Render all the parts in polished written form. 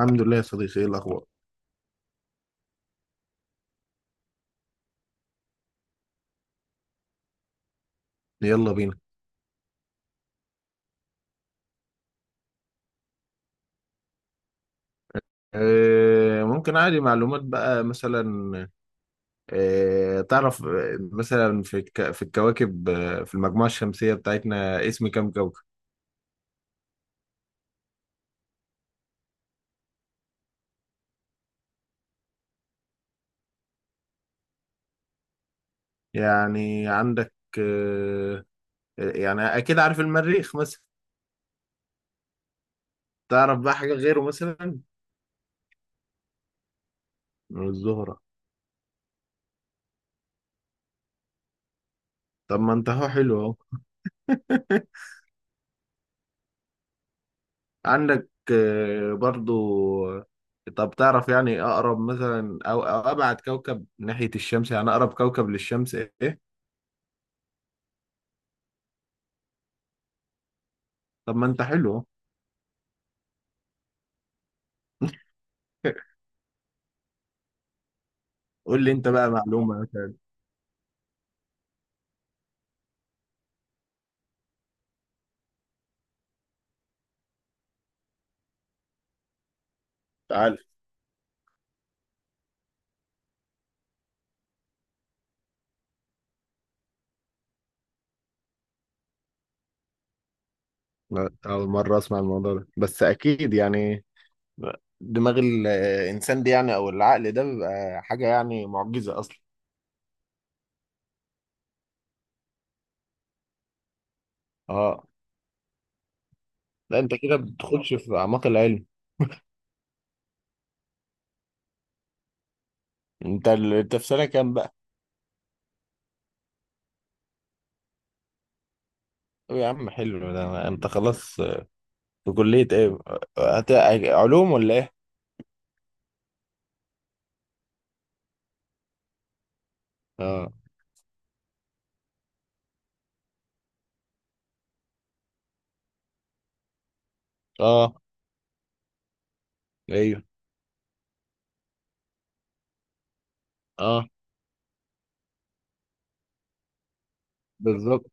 الحمد لله يا صديقي، ايه الاخبار؟ يلا بينا. ممكن عادي معلومات بقى مثلا. تعرف، مثلا في الكواكب، في المجموعة الشمسية بتاعتنا اسم كام كوكب؟ يعني عندك آه، يعني اكيد عارف المريخ مثلا. تعرف بقى حاجة غيره مثلا؟ الزهرة. طب ما انت اهو، حلو اهو. عندك برضو آه، طب تعرف يعني اقرب مثلا أو ابعد كوكب ناحية الشمس، يعني اقرب كوكب للشمس ايه؟ طب ما انت حلو. قول لي انت بقى معلومة مثلا. تعال. لا، أول مرة أسمع الموضوع ده، بس أكيد يعني دماغ الإنسان دي يعني أو العقل ده بيبقى حاجة يعني معجزة أصلا. أه. لا أنت كده بتخش في أعماق العلم. أنت في سنة كام بقى؟ طب يا عم حلو ده أنت خلاص. في كلية إيه؟ هت... علوم ولا إيه؟ أه. أه. أيوه. أه. بالظبط.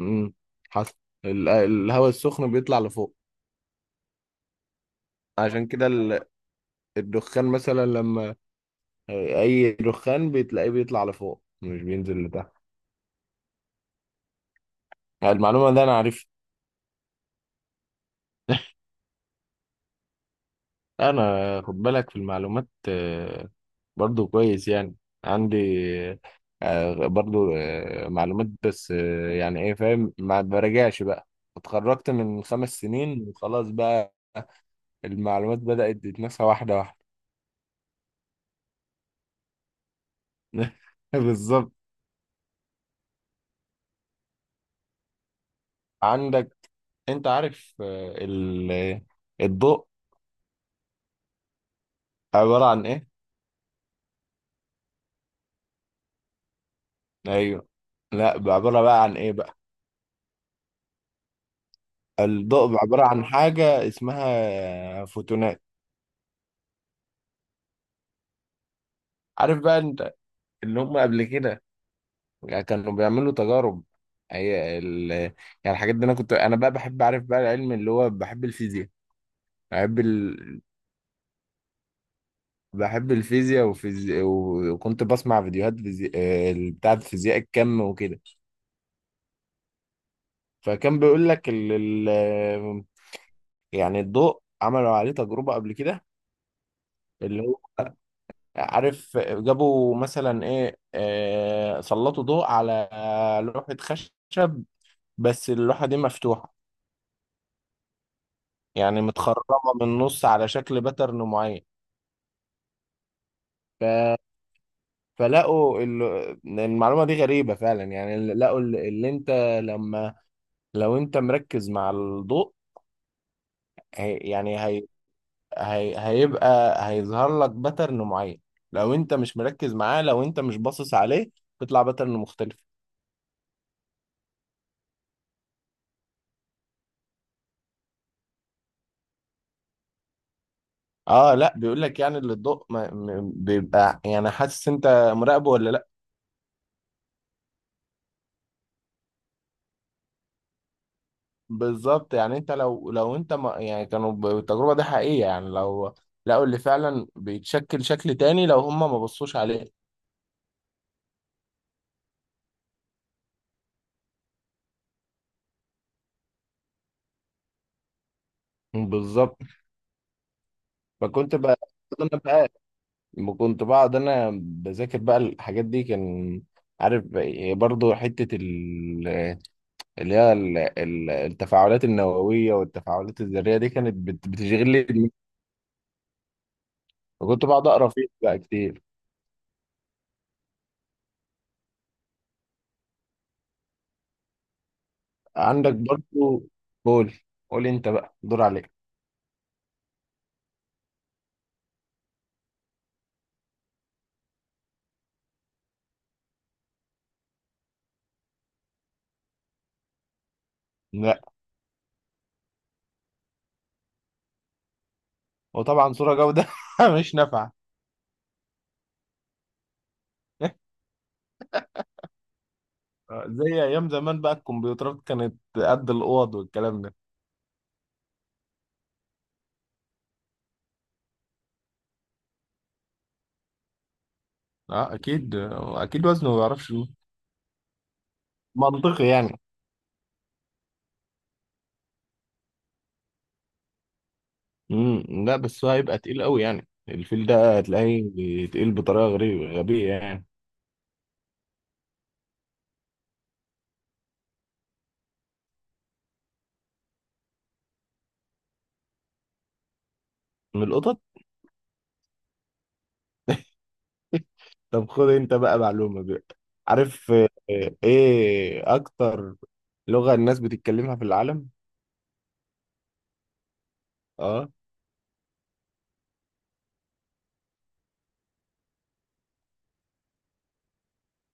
امم حصل. الهواء السخن بيطلع لفوق، عشان كده الدخان مثلا، لما اي دخان بتلاقيه بيطلع لفوق مش بينزل لتحت. يعني المعلومه دي انا عارفها. انا خد بالك في المعلومات برضو كويس يعني. عندي برضو معلومات، بس يعني ايه فاهم، ما براجعش بقى. اتخرجت من 5 سنين وخلاص بقى، المعلومات بدأت تتنسى واحدة واحدة. بالظبط. عندك، انت عارف الضوء عبارة عن ايه؟ ايوه. لا، بقى عبارة بقى عن ايه بقى؟ الضوء عبارة عن حاجة اسمها فوتونات. عارف بقى انت اللي هم قبل كده، يعني كانوا بيعملوا تجارب. يعني الحاجات دي انا كنت انا بقى بحب اعرف بقى العلم، اللي هو بحب الفيزياء. بحب ال... بحب الفيزياء وكنت بسمع فيديوهات فيزي... آه، بتاعة فيزياء الكم وكده. فكان بيقول لك ال... يعني الضوء عملوا عليه تجربة قبل كده، اللي هو عارف، جابوا مثلا ايه سلطوا ضوء على لوحة خشب، بس اللوحة دي مفتوحة يعني متخرمة من النص على شكل باترن معين. ف... فلقوا المعلومة دي غريبة فعلا، يعني لقوا اللي انت لما لو انت مركز مع الضوء، هي... يعني هي... هي... هيبقى هيظهر لك باترن معين. لو انت مش مركز معاه، لو انت مش باصص عليه، بيطلع باترن مختلف. اه لا، بيقول لك يعني اللي الضوء ما م- بيبقى يعني حاسس انت مراقبه ولا لا. بالظبط. يعني انت لو انت ما يعني كانوا التجربه دي حقيقيه، يعني لو لقوا اللي فعلا بيتشكل شكل تاني لو هم ما بصوش عليه. بالظبط. فكنت بقى، انا بقى كنت بقعد انا بذاكر بقى الحاجات دي، كان عارف. برضو حتة اللي هي التفاعلات النووية والتفاعلات الذرية دي كانت بتشغل لي دماغي. وكنت بقعد أقرأ فيها بقى كتير. عندك برضو. قول قول انت بقى دور عليك. لا. وطبعا صورة جودة مش نافعة. زي ايام زمان بقى، الكمبيوترات كانت قد الاوض والكلام ده. اه اكيد. اكيد وزنه ما بيعرفش يقول. منطقي يعني. لا بس هو هيبقى تقيل قوي، يعني الفيل ده هتلاقيه تقيل بطريقة غريبة غبية يعني. من القطط. طب خد انت بقى معلومة بقى. عارف ايه اكتر لغة الناس بتتكلمها في العالم؟ اه.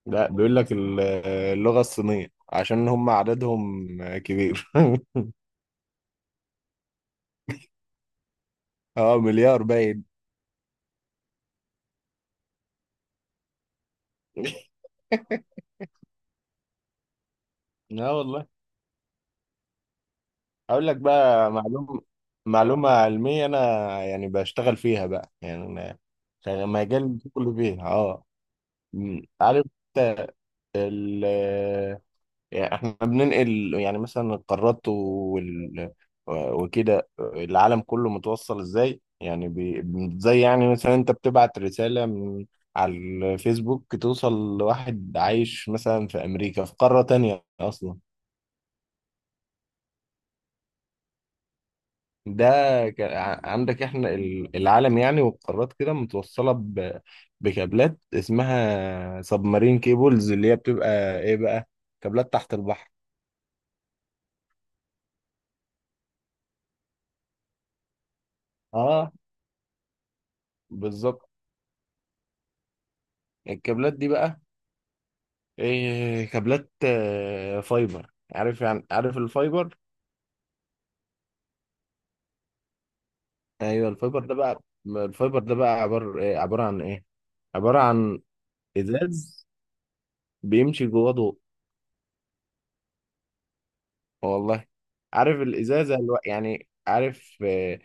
لا، بيقول لك اللغة الصينية، عشان هم عددهم كبير. اه مليار باين. اه والله. اقول لك بقى معلومة. معلومة علمية، انا يعني بشتغل فيها بقى يعني أنا مجال كله فيها اه. م، عارف انت ال- يعني احنا بننقل يعني مثلا القارات وكده العالم كله متوصل ازاي يعني زي يعني مثلا انت بتبعت رسالة من على الفيسبوك توصل لواحد عايش مثلا في امريكا في قارة تانية اصلا. ده عندك احنا العالم يعني والقارات كده متوصلة بكابلات اسمها سبمارين كيبلز، اللي هي بتبقى ايه بقى؟ كابلات تحت البحر. اه بالظبط. الكابلات دي بقى، إيه، كابلات فايبر، عارف يعني، عارف الفايبر. ايوه الفايبر ده بقى، الفايبر ده بقى عبارة إيه، عبارة عن ايه، عبارة عن ازاز بيمشي جواه ضوء. والله. عارف الازازة يعني عارف آه،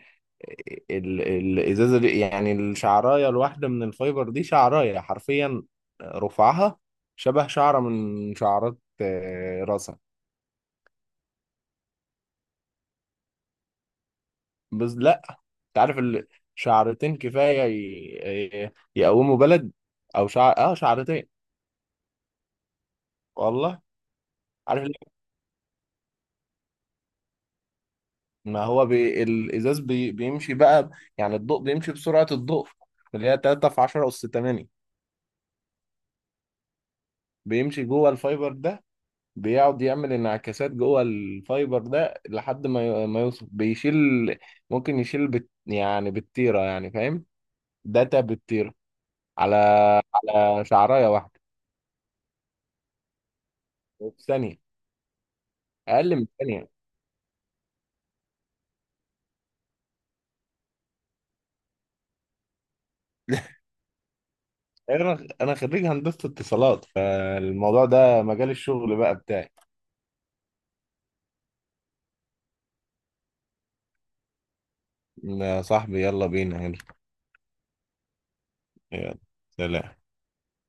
ال... الازازة دي، يعني الشعراية الواحدة من الفايبر دي شعراية حرفيا، رفعها شبه شعرة من شعرات راسك. بس لا، انت عارف شعرتين كفايه يقوموا بلد، او شعر اه شعرتين. والله. عارف ليه؟ ما هو الازاز بيمشي بقى، يعني الضوء بيمشي بسرعه الضوء اللي هي 3 في 10 اس 8. بيمشي جوه الفايبر ده، بيقعد يعمل انعكاسات جوه الفايبر ده لحد ما ما يوصل بيشيل، ممكن يشيل يعني بالتيره يعني فاهم، داتا بالتيره على على شعرايه واحده في ثانيه. اقل من ثانيه. يعني انا خريج هندسه اتصالات، فالموضوع ده مجال الشغل بقى بتاعي. يا صاحبي يلا بينا يلا. يلا سلام.